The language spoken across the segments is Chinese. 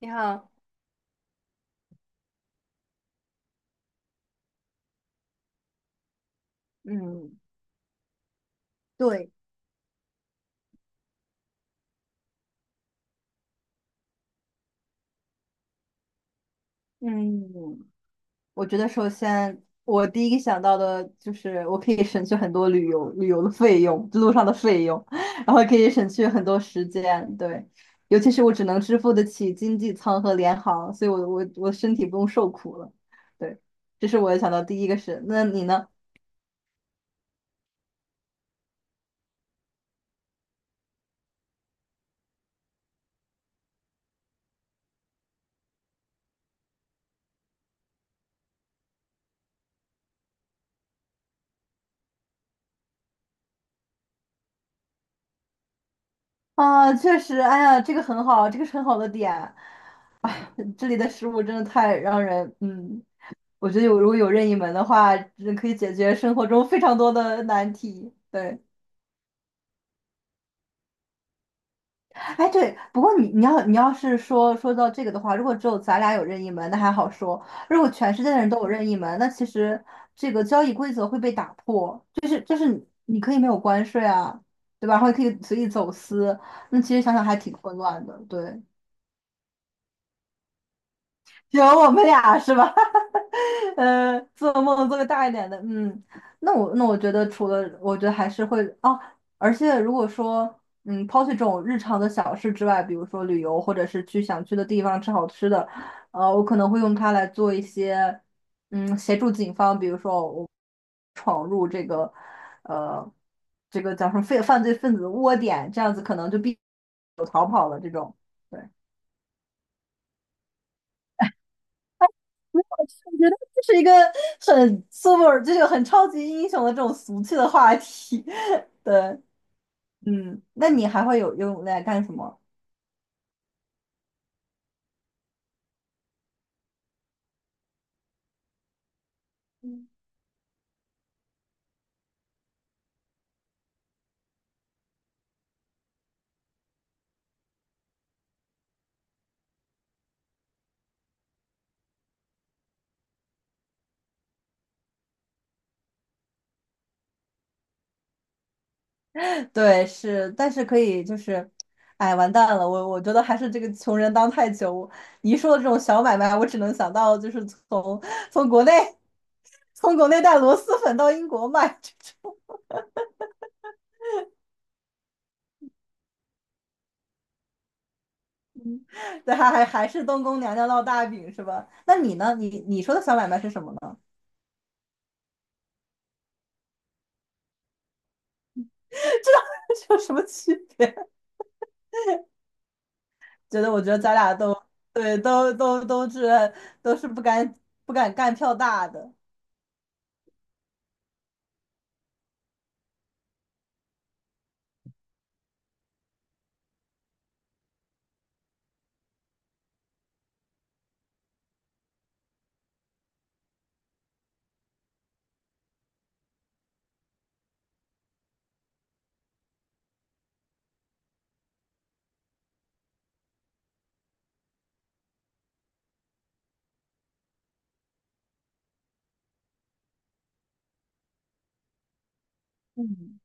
你好，嗯，对，嗯，我觉得首先我第一个想到的就是我可以省去很多旅游的费用，路上的费用，然后可以省去很多时间，对，尤其是我只能支付得起经济舱和联航，所以我身体不用受苦了，对，这是我想到第一个是，那你呢？啊，确实，哎呀，这个很好，这个是很好的点，哎这里的食物真的太让人，嗯。我觉得如果有任意门的话，真可以解决生活中非常多的难题。对，哎对，不过你你要你要是说到这个的话，如果只有咱俩有任意门，那还好说；如果全世界的人都有任意门，那其实这个交易规则会被打破，就是你可以没有关税啊，对吧？然后也可以随意走私，那其实想想还挺混乱的。对，有我们俩是吧？做梦做个大一点的，嗯，那我觉得除了，我觉得还是会哦，而且如果说，抛弃这种日常的小事之外，比如说旅游，或者是去想去的地方吃好吃的，我可能会用它来做一些，协助警方，比如说我闯入这个，呃，这个叫什么犯罪分子的窝点，这样子可能就必有逃跑了这种。对。我觉得这是一个很 super,就是很超级英雄的这种俗气的话题。对，嗯，那你还会有用来干什么？对，是，但是可以就是，哎，完蛋了，我觉得还是这个穷人当太久。你一说的这种小买卖，我只能想到就是从国内从国内带螺蛳粉到英国卖，这对，还是东宫娘娘烙大饼是吧？那你呢？你说的小买卖是什么呢？这有什么区别？我觉得咱俩都对，都是不敢干票大的嗯，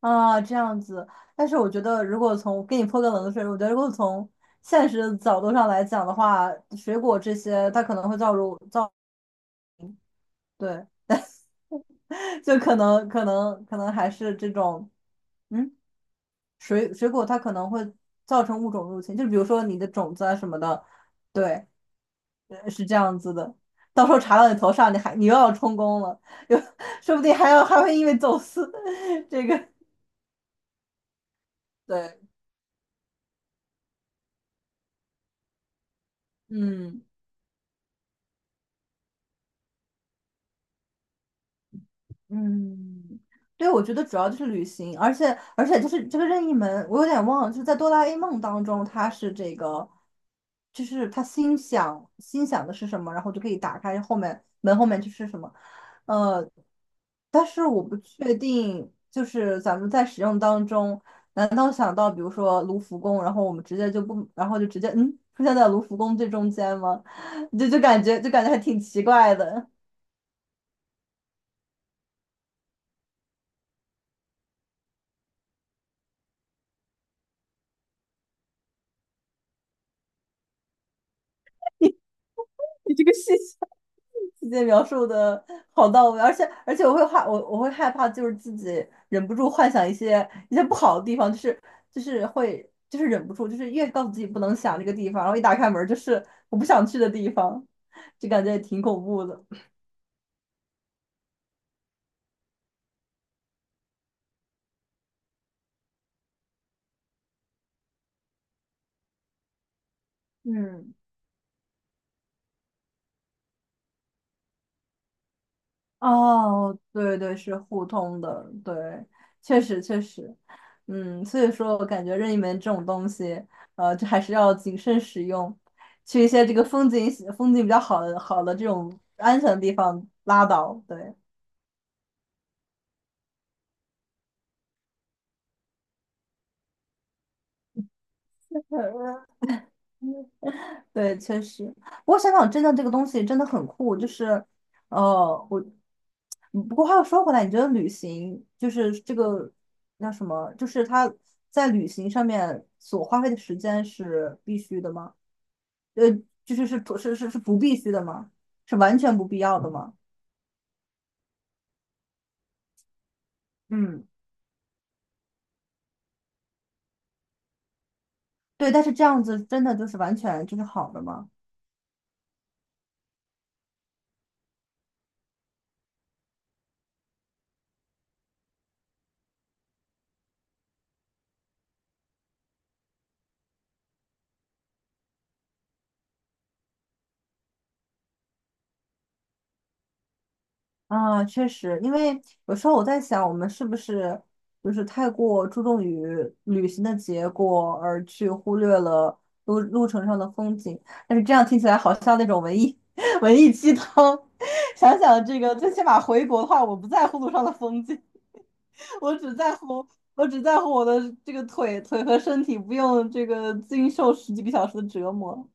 啊，这样子。但是我觉得，如果从给你泼个冷水，我觉得如果从现实的角度上来讲的话，水果这些它可能会造入造，对，就可能还是这种，嗯，水果它可能会造成物种入侵，就比如说你的种子啊什么的，对。是这样子的。到时候查到你头上，你又要充公了，又说不定还会因为走私 这个对，嗯。嗯，对，我觉得主要就是旅行，而且就是这个任意门，我有点忘了，就是在哆啦 A 梦当中，它是这个，就是他心想的是什么，然后就可以打开后面门后面就是什么，呃，但是我不确定，就是咱们在使用当中，难道想到比如说卢浮宫，然后我们直接就不，然后就直接出现在卢浮宫最中间吗？就感觉还挺奇怪的。你这个细节描述的好到位，而且我会害怕，就是自己忍不住幻想一些不好的地方，就是会忍不住，就是越告诉自己不能想这个地方，然后一打开门就是我不想去的地方，就感觉也挺恐怖的。嗯。哦，对对，是互通的，对，确实确实，所以说我感觉任意门这种东西，就还是要谨慎使用，去一些这个风景比较好的这种安全的地方拉倒，对。对，确实。不过香港真的这个东西真的很酷，就是，呃，我，不过话又说回来，你觉得旅行就是这个那什么，就是他在旅行上面所花费的时间是必须的吗？呃，就是是不是不必须的吗？是完全不必要的吗？嗯，对。但是这样子真的就是完全就是好的吗？啊，确实，因为有时候我在想，我们是不是就是太过注重于旅行的结果，而去忽略了路程上的风景？但是这样听起来好像那种文艺 文艺鸡汤。想想这个，最起码回国的话，我不在乎路上的风景，我只在乎我只在乎我的这个腿和身体，不用这个经受十几个小时的折磨。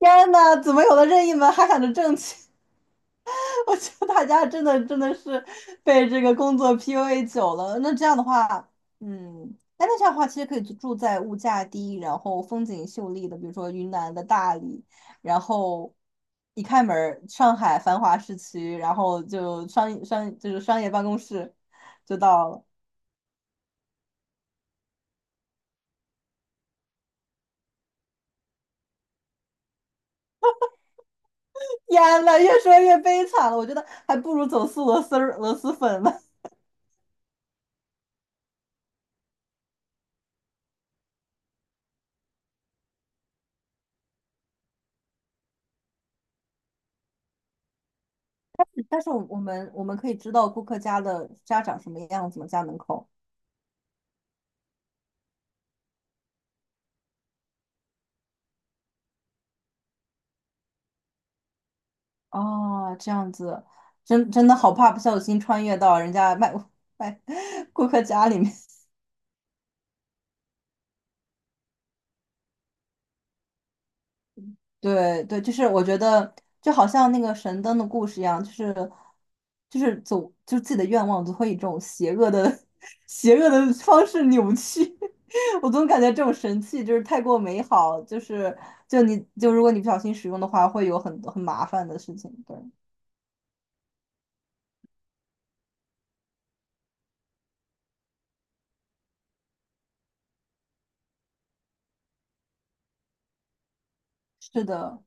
天呐，怎么有的任意门还喊着挣钱？我觉得大家真的真的是被这个工作 PUA 久了。那这样的话，嗯，哎，那这样的话，其实可以住在物价低，然后风景秀丽的，比如说云南的大理，然后一开门儿，上海繁华市区，然后就商商就是商业办公室就到了。天呐，越说越悲惨了，我觉得还不如走私螺丝儿螺蛳粉呢。但是我们可以知道顾客家的家长什么样子吗？家门口。哦，这样子，真的好怕不小心穿越到人家卖 卖顾客家里面。对对，就是我觉得就好像那个神灯的故事一样，就是走，就自己的愿望总会以这种邪恶的 邪恶的方式扭曲。我总感觉这种神器就是太过美好，就是就你就如果你不小心使用的话，会有很多很麻烦的事情。对，是的。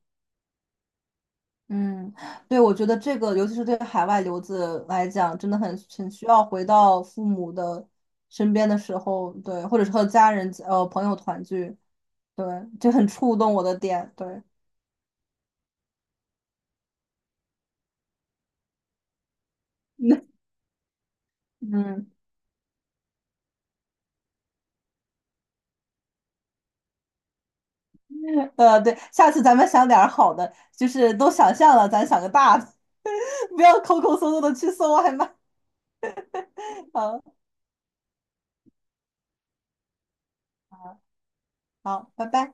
嗯，对，我觉得这个，尤其是对海外留子来讲，真的很需要回到父母的身边的时候，对，或者是和家人、朋友团聚，对，就很触动我的点，对，嗯，对，下次咱们想点儿好的，就是都想象了，咱想个大的，不要抠抠搜搜的去搜外卖，嗯，好，拜拜。